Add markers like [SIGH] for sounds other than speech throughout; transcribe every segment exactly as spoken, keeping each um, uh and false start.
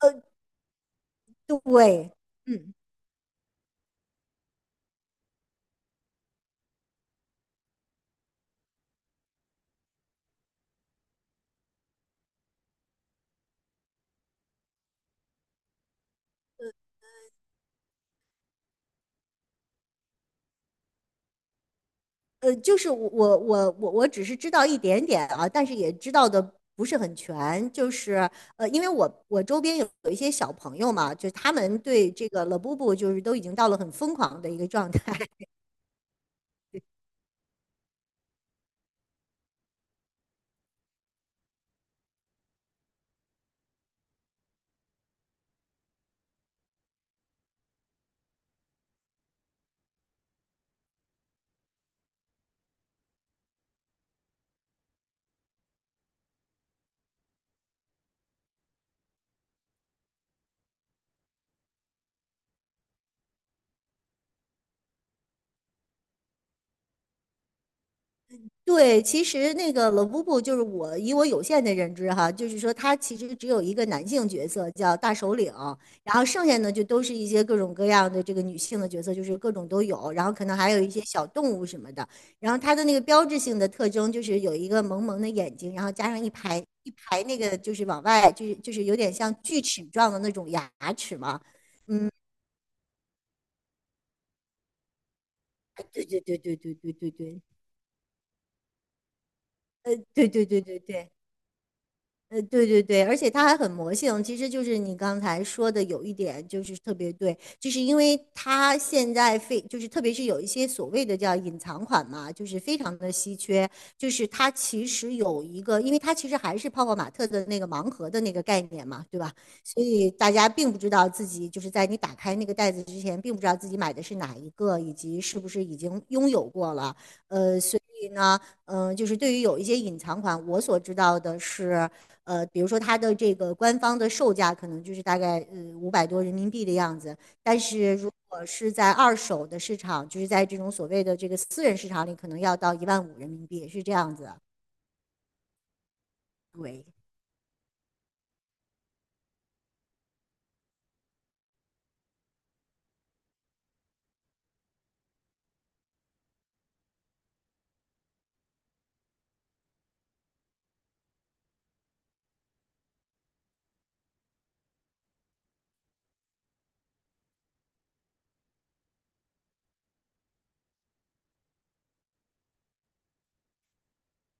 呃，对，呃，就是我我我我我只是知道一点点啊，但是也知道的不是很全，就是呃，因为我我周边有有一些小朋友嘛，就是他们对这个 l a b u b 就是都已经到了很疯狂的一个状态。对，其实那个冷布布，就是我以我有限的认知哈，就是说他其实只有一个男性角色叫大首领，然后剩下呢就都是一些各种各样的这个女性的角色，就是各种都有，然后可能还有一些小动物什么的。然后它的那个标志性的特征就是有一个萌萌的眼睛，然后加上一排一排那个就是往外，就是就是有点像锯齿状的那种牙齿嘛。[LAUGHS] 对对对对对对对对对对对对对对。呃，对对对，而且它还很魔性，其实就是你刚才说的有一点就是特别对，就是因为它现在非就是特别是有一些所谓的叫隐藏款嘛，就是非常的稀缺，就是它其实有一个，因为它其实还是泡泡玛特的那个盲盒的那个概念嘛，对吧？所以大家并不知道自己就是在你打开那个袋子之前，并不知道自己买的是哪一个，以及是不是已经拥有过了，呃，所以呢。嗯，呃就是对于有一些隐藏款，我所知道的是，呃，比如说它的这个官方的售价可能就是大概呃五百多人民币的样子，但是如果是在二手的市场，就是在这种所谓的这个私人市场里，可能要到一万五人民币，是这样子。对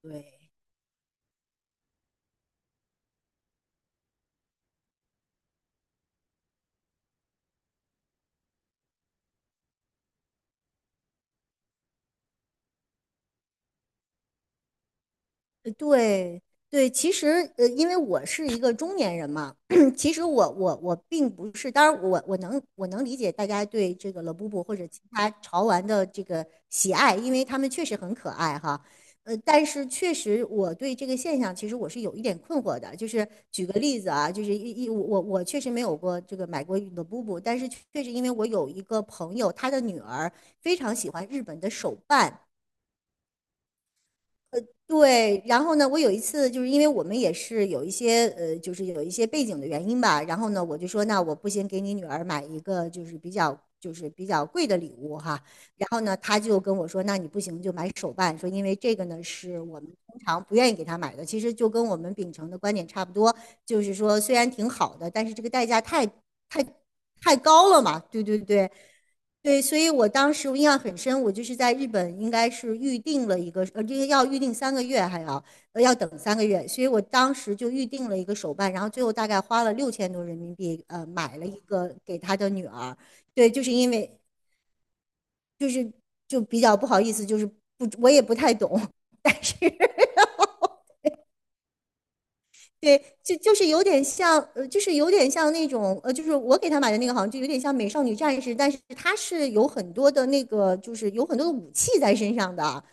对。呃对对，其实呃，因为我是一个中年人嘛，[COUGHS] [CLEARS THROAT] 其实我我我并不是，当然我我能我能理解大家对这个 l 布布或者其他潮玩的这个喜爱，因为他们确实很可爱哈。呃，但是确实我对这个现象其实我是有一点困惑的，就是举个例子啊，就是一一我我我确实没有过这个买过 l 布布，但是确实因为我有一个朋友，他的女儿非常喜欢日本的手办。对，然后呢，我有一次就是因为我们也是有一些呃，就是有一些背景的原因吧，然后呢，我就说那我不行，给你女儿买一个就是比较就是比较贵的礼物哈，然后呢，她就跟我说，那你不行就买手办，说因为这个呢是我们通常不愿意给她买的，其实就跟我们秉承的观点差不多，就是说虽然挺好的，但是这个代价太太太高了嘛，对对对。对，所以我当时我印象很深，我就是在日本，应该是预定了一个，呃，这个要预定三个月，还要呃要等三个月，所以我当时就预定了一个手办，然后最后大概花了六千多人民币，呃，买了一个给他的女儿。对，就是因为就比较不好意思，就是不，我也不太懂，但是 [LAUGHS] 对，就就是有点像，呃，就是有点像那种，呃，就是我给他买的那个，好像就有点像美少女战士，但是他是有很多的那个，就是有很多的武器在身上的。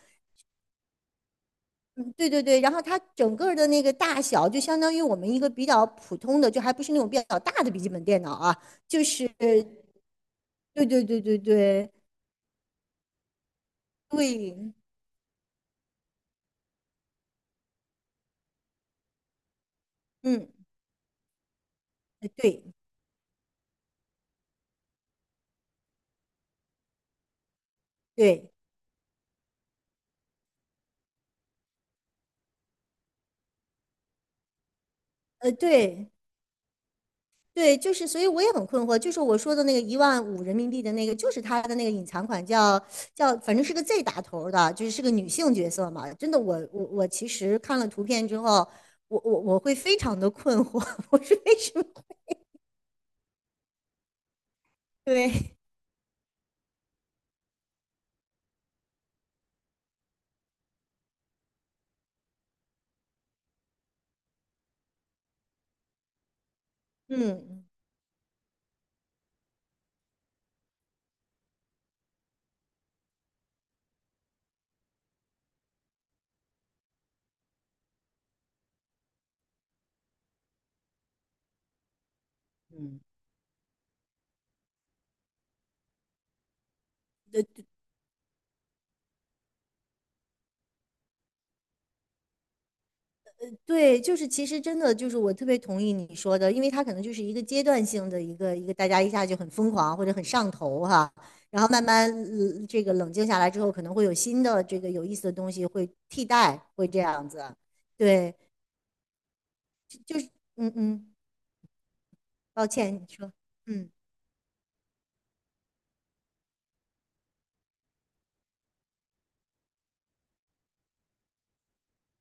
嗯对对对，然后它整个的那个大小就相当于我们一个比较普通的，就还不是那种比较大的笔记本电脑啊，就是对对对对对对，嗯，呃对对，呃对对，就是所以我也很困惑，就是我说的那个一万五人民币的那个，就是它的那个隐藏款叫叫，反正是个 Z 打头儿的，就是是个女性角色嘛，真的我我我其实看了图片之后，我我我会非常的困惑，[LAUGHS] 我是为什么。对。嗯。嗯，对，就是其实真的就是我特别同意你说的，因为它可能就是一个阶段性的一个一个，大家一下就很疯狂或者很上头哈，然后慢慢呃这个冷静下来之后，可能会有新的这个有意思的东西会替代，会这样子。对，就是嗯嗯，抱歉，你说。嗯。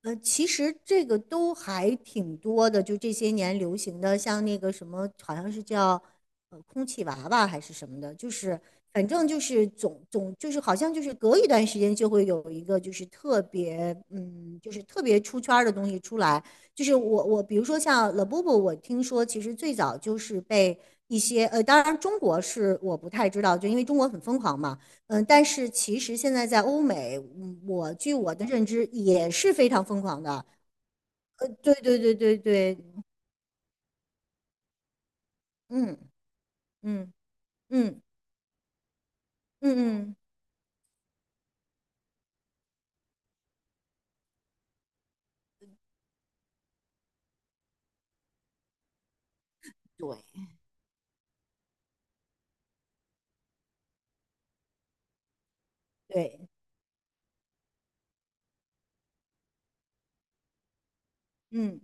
呃，其实这个都还挺多的，就这些年流行的，像那个什么，好像是叫呃空气娃娃还是什么的，就是反正就是总总就是好像就是隔一段时间就会有一个就是特别嗯就是特别出圈儿的东西出来，就是我我比如说像 Labubu,我听说其实最早就是被一些呃，当然中国是我不太知道，就因为中国很疯狂嘛。嗯，但是其实现在在欧美，嗯我据我的认知也是非常疯狂的。对对对对对，嗯嗯嗯嗯嗯，对对，嗯。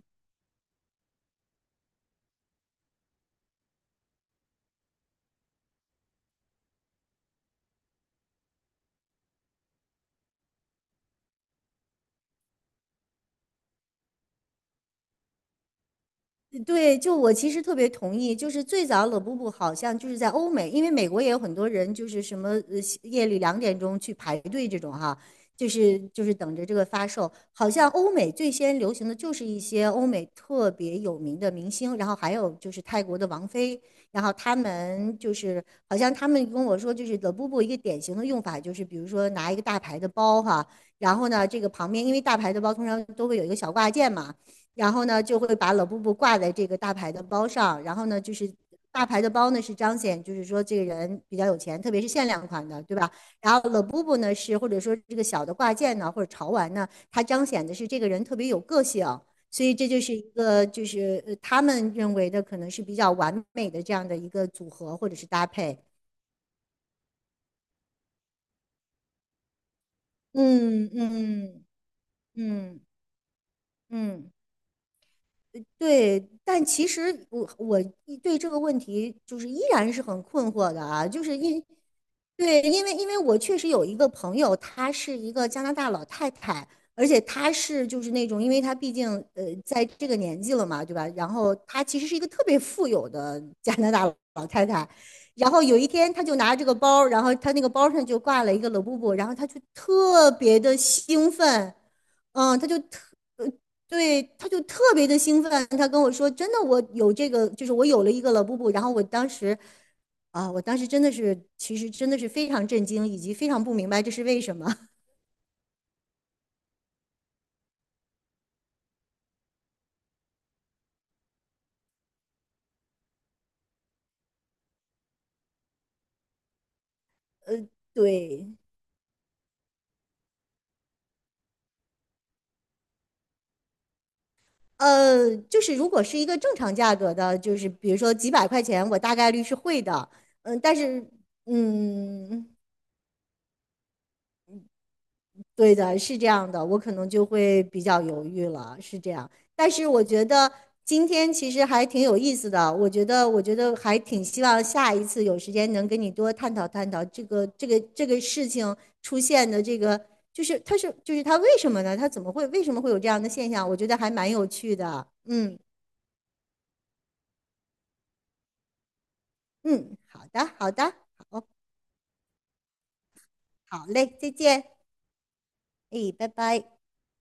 对，就我其实特别同意，就是最早冷布布好像就是在欧美，因为美国也有很多人就是什么呃夜里两点钟去排队这种哈，就是就是等着这个发售。好像欧美最先流行的就是一些欧美特别有名的明星，然后还有就是泰国的王菲，然后他们就是好像他们跟我说，就是冷布布一个典型的用法就是比如说拿一个大牌的包哈，然后呢这个旁边因为大牌的包通常都会有一个小挂件嘛。然后呢就会把冷布布挂在这个大牌的包上，然后呢就是大牌的包呢是彰显就是说这个人比较有钱，特别是限量款的，对吧？然后冷布布呢是或者说这个小的挂件呢或者潮玩呢，它彰显的是这个人特别有个性。所以这就是一个，就是呃，他们认为的可能是比较完美的这样的一个组合或者是搭配。嗯嗯嗯嗯嗯。对，但其实我我一对这个问题就是依然是很困惑的啊，就是因对，因为因为我确实有一个朋友，她是一个加拿大老太太，而且她是就是那种，因为她毕竟呃在这个年纪了嘛，对吧？然后她其实是一个特别富有的 [LAUGHS] 加拿大老太太，然后有一天她就拿这个包，然后她那个包上就挂了一个 l 布布，然后她就特别的兴奋，嗯，她就特。呃对，他就特别的兴奋，他跟我说："真的，我有这个，就是我有了一个了布布。"然后我当时，啊，我当时真的是，其实真的是非常震惊，以及非常不明白这是为什么。[LAUGHS] 对，呃，就是如果是一个正常价格的，就是比如说几百块钱，我大概率是会的。嗯，但是，嗯，对的，是这样的，我可能就会比较犹豫了，是这样。但是我觉得今天其实还挺有意思的，我觉得，我觉得还挺希望下一次有时间能跟你多探讨探讨这个这个这个事情出现的这个，就是它是就是它为什么呢？它怎么会为什么会有这样的现象？我觉得还蛮有趣的。嗯嗯，好的好的，好。好嘞，再见，哎，拜拜。